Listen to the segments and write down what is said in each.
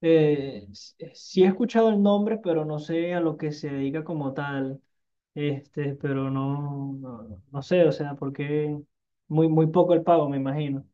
Sí, he escuchado el nombre, pero no sé a lo que se dedica como tal. Pero no sé, o sea, porque muy poco el pago, me imagino.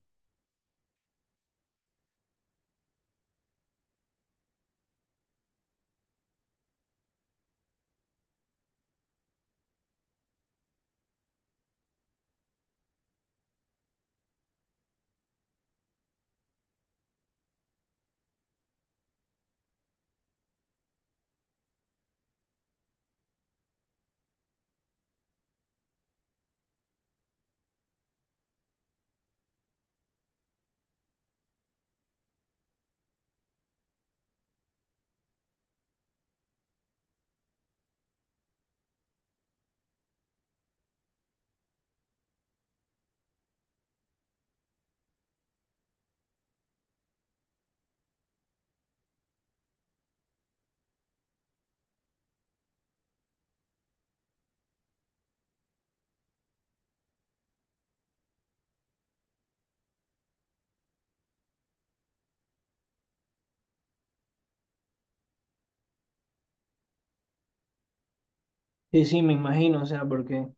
Sí, sí, me imagino, o sea, porque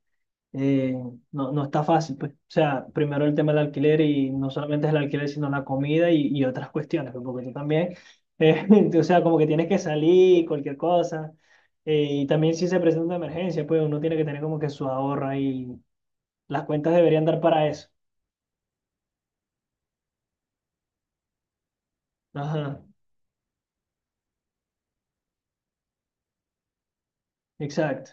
eh, no está fácil, pues. O sea, primero el tema del alquiler y no solamente es el alquiler, sino la comida y otras cuestiones, pues, porque tú también, eh, o sea, como que tienes que salir, cualquier cosa. Y también si se presenta una emergencia, pues uno tiene que tener como que su ahorro y las cuentas deberían dar para eso. Ajá, exacto.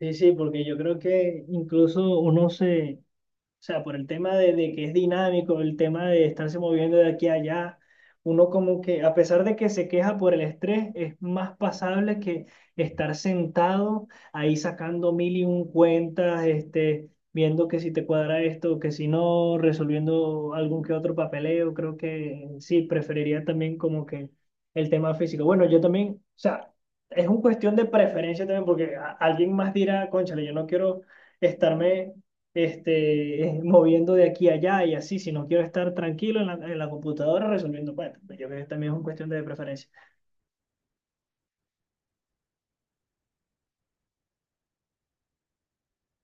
Sí, sí, porque yo creo que incluso uno se... O sea, por el tema de que es dinámico, el tema de estarse moviendo de aquí a allá, uno como que, a pesar de que se queja por el estrés, es más pasable que estar sentado ahí sacando mil y un cuentas, viendo que si te cuadra esto, que si no, resolviendo algún que otro papeleo. Creo que sí, preferiría también como que el tema físico. Bueno, yo también, o sea, es una cuestión de preferencia también, porque alguien más dirá, cónchale, yo no quiero estarme moviendo de aquí a allá y así, si no quiero estar tranquilo en en la computadora resolviendo cuentas. Pues yo creo que también es una cuestión de preferencia.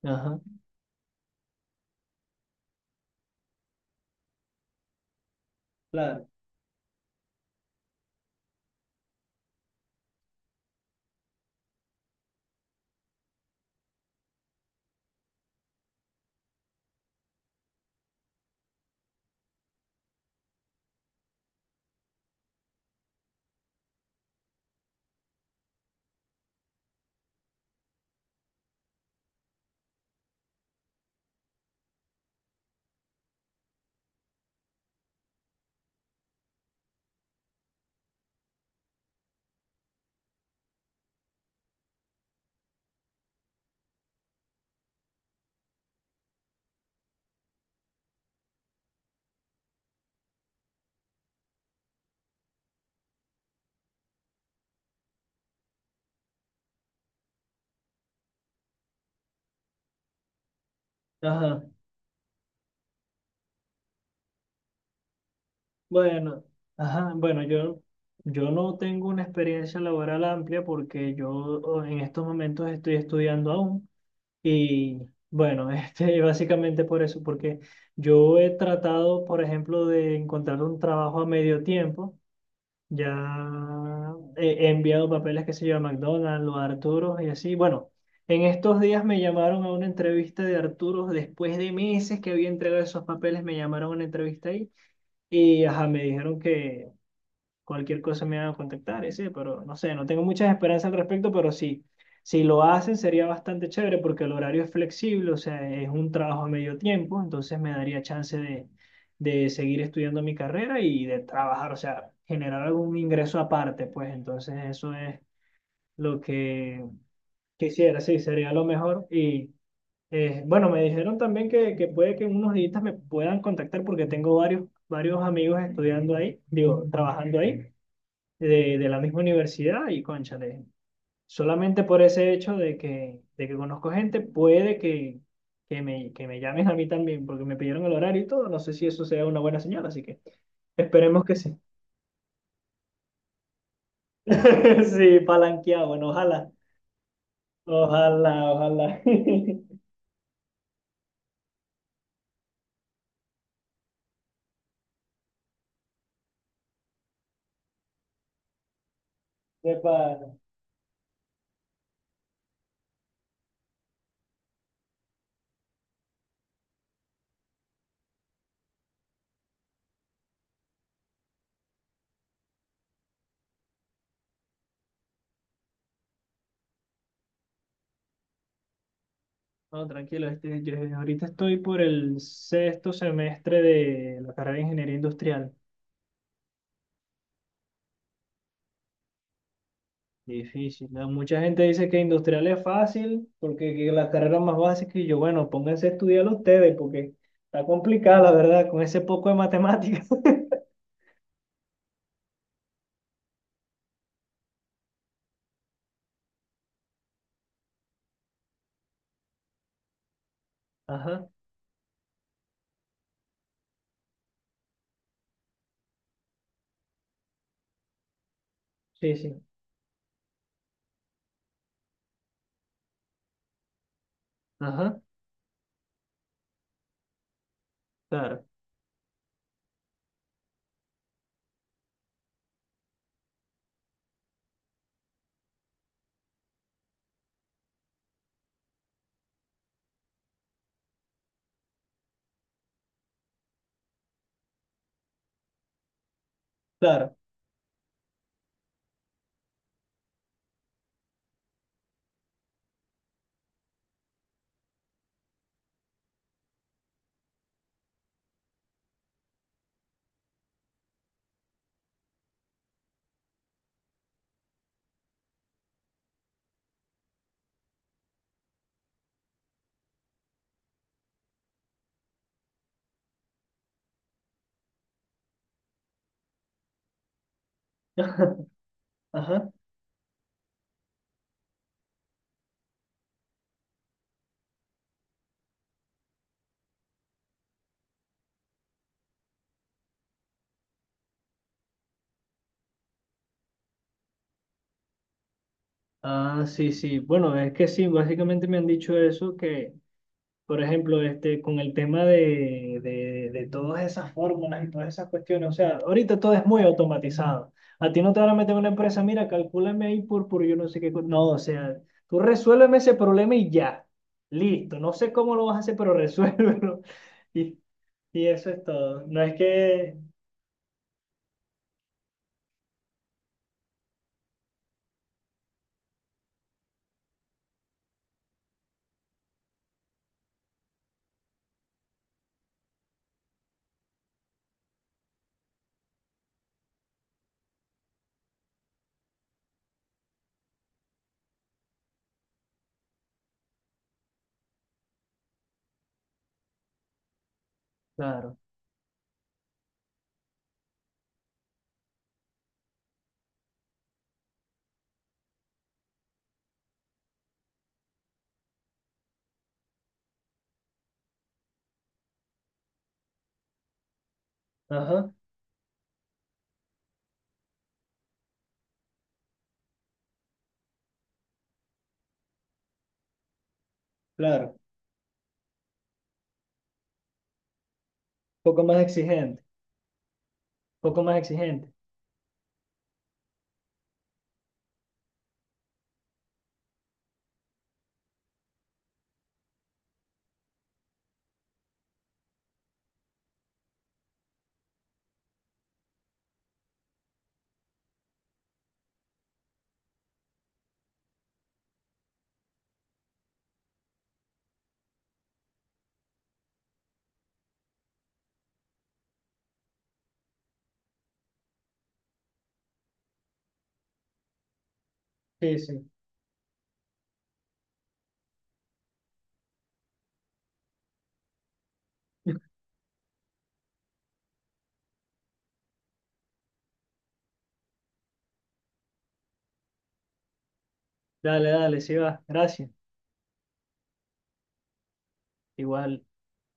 Ajá, claro. Ajá, bueno, ajá, bueno, yo, yo no tengo una experiencia laboral amplia porque yo en estos momentos estoy estudiando aún y bueno, básicamente por eso, porque yo he tratado, por ejemplo, de encontrar un trabajo a medio tiempo. Ya he enviado papeles, que se yo, a McDonald's o a Arturos y así. Bueno, en estos días me llamaron a una entrevista de Arturos. Después de meses que había entregado esos papeles, me llamaron a una entrevista ahí. Y ajá, me dijeron que cualquier cosa me van a contactar, ese, pero no sé, no tengo muchas esperanzas al respecto, pero sí, si lo hacen sería bastante chévere porque el horario es flexible, o sea, es un trabajo a medio tiempo, entonces me daría chance de seguir estudiando mi carrera y de trabajar, o sea, generar algún ingreso aparte, pues entonces eso es lo que quisiera, sí, sería lo mejor y... Bueno, me dijeron también que puede que en unos días me puedan contactar porque tengo varios amigos estudiando ahí, digo, trabajando ahí de la misma universidad y cónchale, solamente por ese hecho de que conozco gente, puede que, que me llamen a mí también, porque me pidieron el horario y todo, no sé si eso sea una buena señal, así que esperemos que sí. Sí, palanqueado, bueno, ojalá, ojalá, ojalá. Epa. No, tranquilo, yo ahorita estoy por el sexto semestre de la carrera de Ingeniería Industrial. Difícil, ¿no? Mucha gente dice que industrial es fácil porque que las carreras más básicas y yo, bueno, pónganse a estudiar ustedes porque está complicada la verdad con ese poco de matemáticas. Ajá, sí, sí, ajá, claro, claro, ajá. Ah, sí, sí, bueno, es que sí, básicamente me han dicho eso, que... Por ejemplo, con el tema de todas esas fórmulas y todas esas cuestiones, o sea, ahorita todo es muy automatizado. A ti no te van a meter en una empresa, mira, calcúlame ahí por yo no sé qué. Co-". No, o sea, tú resuélveme ese problema y ya. Listo. No sé cómo lo vas a hacer, pero resuélvelo. Y, y eso es todo. No es que. Claro. Ajá. Claro. Poco más exigente. Poco más exigente. Sí, sí. Dale, dale, sí va. Gracias. Igual.